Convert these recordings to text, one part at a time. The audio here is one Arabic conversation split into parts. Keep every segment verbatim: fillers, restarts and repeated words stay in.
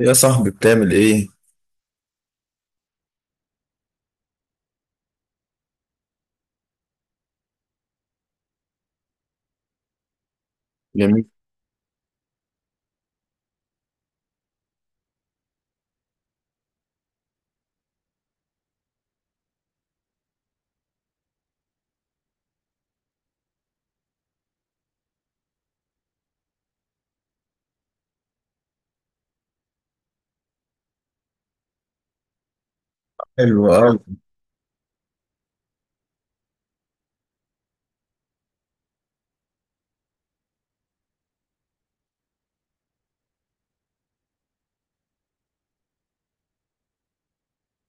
يا صاحبي بتعمل ايه؟ جميل. حلو أوي.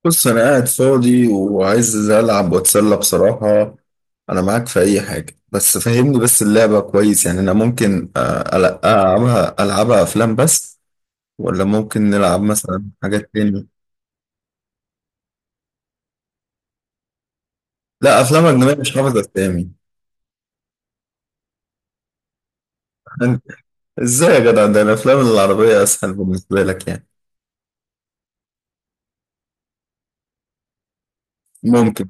بص أنا قاعد فاضي وعايز ألعب وأتسلى بصراحة. أنا معاك في أي حاجة، بس فهمني بس اللعبة كويس يعني. أنا ممكن آه، ألع- ألعبها ألعبها أفلام بس، ولا ممكن نلعب مثلا حاجات تانية؟ لا، أفلام أجنبية مش حافظ أسامي. أنت- إزاي يا جدع، ده الأفلام العربية أسهل بالنسبة لك يعني؟ ممكن.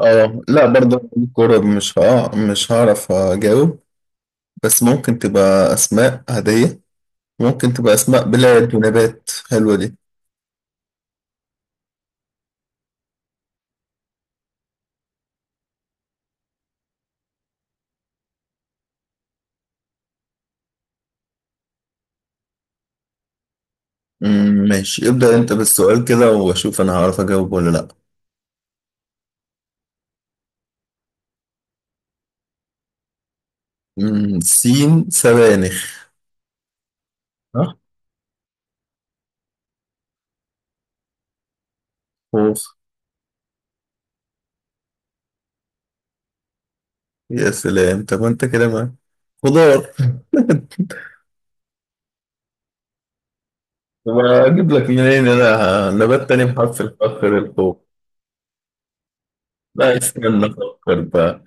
اه لا، برضه الكورة مش ها مش هعرف أجاوب، بس ممكن تبقى أسماء هدية، ممكن تبقى أسماء بلاد ونبات، حلوة دي. مم، ماشي، ابدأ أنت بالسؤال كده وأشوف أنا هعرف أجاوب ولا لأ. مم، سين، سبانخ. صح؟ خوخ. يا سلام، طب أنت كده ما خضار. طب أجيب لك منين أنا نبات تاني بحرف الخاء غير الخوخ؟ لا، استنى أفكر بقى.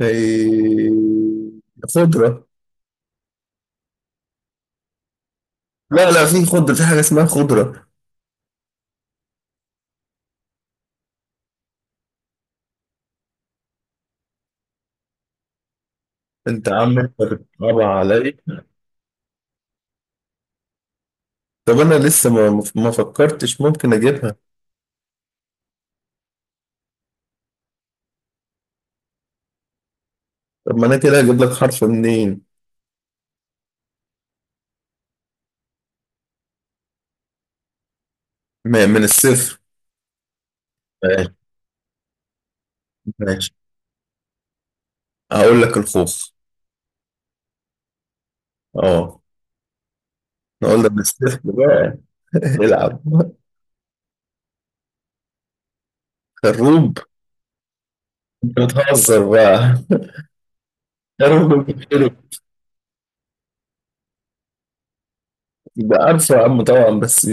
خي- خضرة. لا لا، في خضرة، في حاجة اسمها خضرة. أنت عم بتصعب عليا. طب أنا لسه ما ما فكرتش، ممكن أجيبها. طب ما انا كده هجيب لك حرف منين؟ ما- من الصفر؟ ماشي. ماشي، هقول لك الخوخ. اه. نقول لك من الصفر بقى. العب. خروب. انت بتهزر بقى. خروب بيتشرب. ده عارفه يا عم طبعا، بس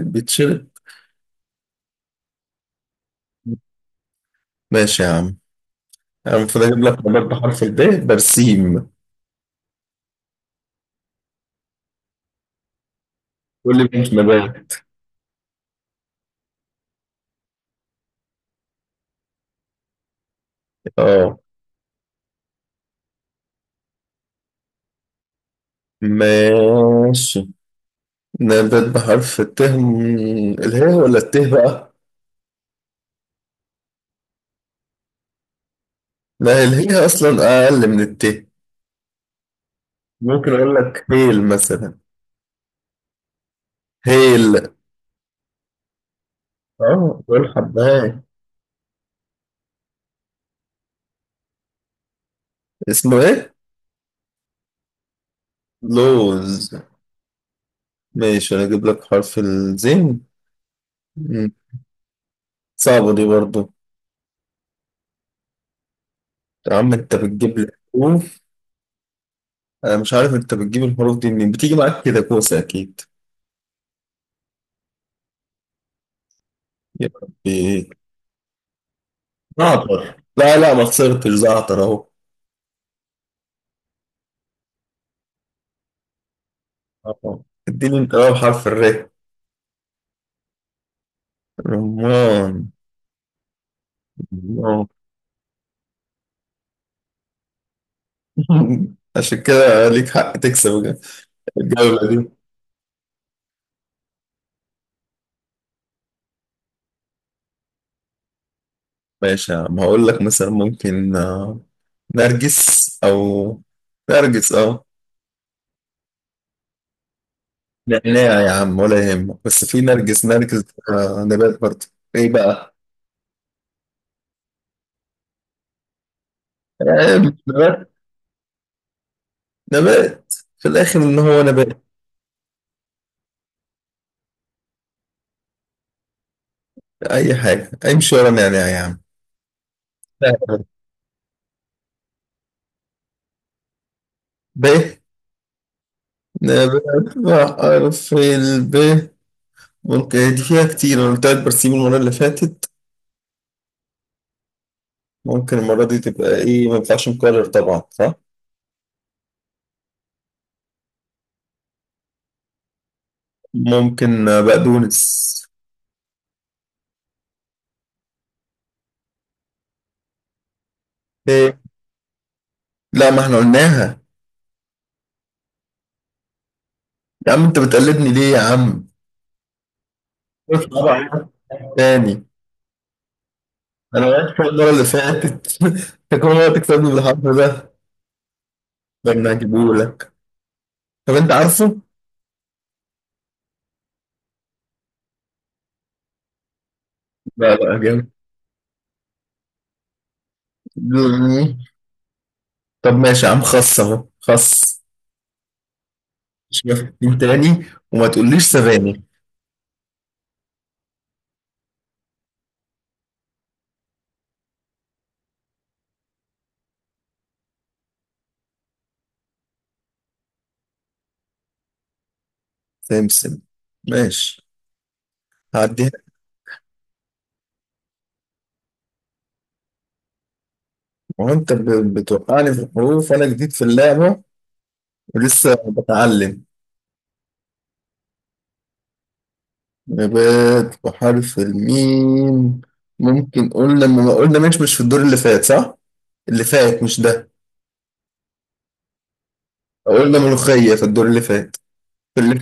بيتشرب. ماشي يا عم. انا المفروض اجيب لك نبات بحرف الب، برسيم. قول لي مش نبات. اه. ماشي. نبات بحرف الت، م- الهاء ولا الت بقى؟ لا، الهاء اصلا اقل من الت. ممكن اقول لك هيل مثلا. هيل. اه بقول حباية، اسمه ايه؟ لوز. ماشي، انا اجيب لك حرف الزين. مم. صعبة دي برضو. يا عم انت بتجيب لي حروف، انا مش عارف انت بتجيب الحروف دي منين، بتيجي معاك كده كوسة اكيد. يا ربي. زعتر، لا لا ما خسرتش، زعتر اهو. آه. اديني انت بقى بحرف الر. رمان. رمان. عشان كده ليك حق تكسب الجولة دي. ماشي، ما هقول لك مثلا، ممكن آه، نرجس، او نرجس، اه. نعناع يا عم ولا يهمك، بس في نرجس، نرجس ده نبات برضه. ايه بقى؟ آه، مش نبات، نبات، في الاخر ان هو نبات. اي حاجه، امشي ورا نعناع يا عم. نعناع. ب، نبات بحرف الب، ممكن دي فيها كتير، انا قلت لك برسيم المره اللي فاتت، ممكن المره دي تبقى ايه؟ ما ينفعش مكرر طبعا، صح؟ ممكن آه، بقدونس. لا، ما احنا قلناها. يا عم انت بتقلدني ليه يا عم؟ بص بقى. تاني. انا وقعت فوق المره اللي فاتت. انت كل مره تكسبني بالحرف ده، ده انا هجيبه لك. طب انت عارفه؟ لا لا، جامد. طب ماشي يا عم، خص اهو، خص. مش مفهوم تاني. وما تقوليش سبانخ. سمسم. ماشي، هعديها. وانت ب- بتوقعني في الحروف وانا جديد في اللعبه ولسه بتعلم. نبات بحرف الميم. ممكن قلنا، ما قلنا، مش مش في الدور اللي فات صح؟ اللي فات مش ده. قلنا ملوخية في الدور اللي فات، في اللي.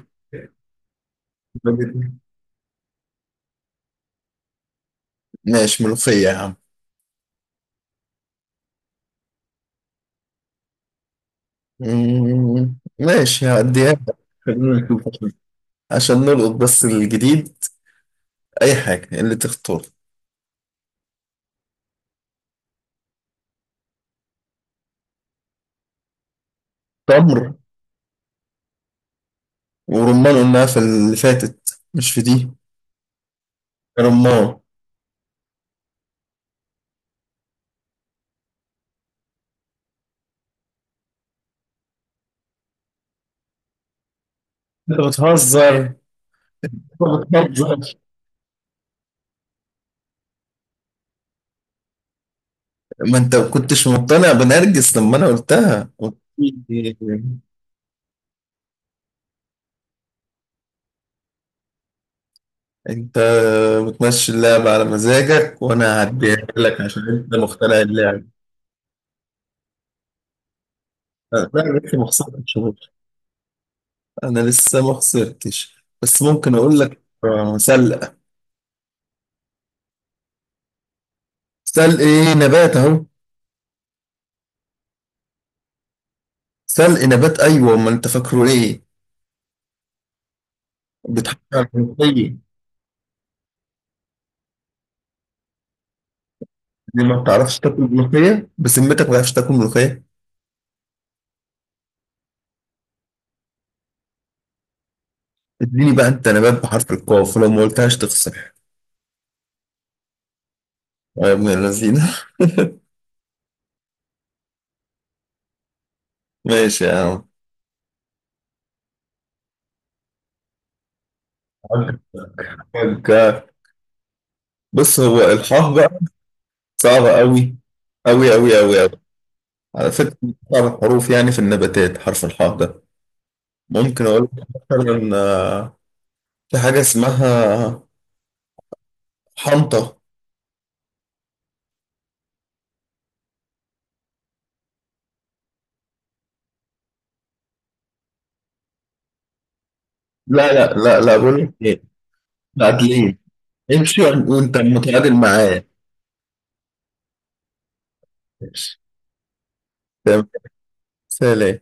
ماشي، ملوخية يا عم. مم، ماشي، هعديها لك. خلينا نشوف عشان، عشان نلقط بس الجديد. أي حاجة اللي تختار. تمر. ورمان قلناها في اللي فاتت، مش في دي. رمان. انت بتهزر، انت بتهزر. ما انت ما كنتش مقتنع بنرجس لما انا قلتها، قلت لي انت بتمشي اللعبة على مزاجك، وانا هديها لك عشان انت مقتنع اللعبة. لا انا لسه ما خسرتش برضه. انا لسه ما خسرتش، بس ممكن اقول لك آه، سلق. سلق ايه؟ نبات اهو، سلق نبات، ايوه، امال انت فاكره ايه؟ بتحط على الملوخية دي، ما بتعرفش تاكل ملوخية بسمتك ما بتعرفش تاكل ملوخية. اديني بقى انت نبات بحرف القاف، ولو ما قلتهاش تخسر. يا ابن اللذينة. ماشي يا عم. ك- بص، هو الحاء بقى صعبة أوي، أوي أوي أوي أوي. على فكرة من أصعب الحروف يعني في النباتات حرف الحاء ده. ممكن أقول لك مثلا آه، في حاجة اسمها حنطة. لا لا لا لا، بقول لك إيه، تعادلين. امشي وأنت متعادل معايا. ماشي. تمام. سلام.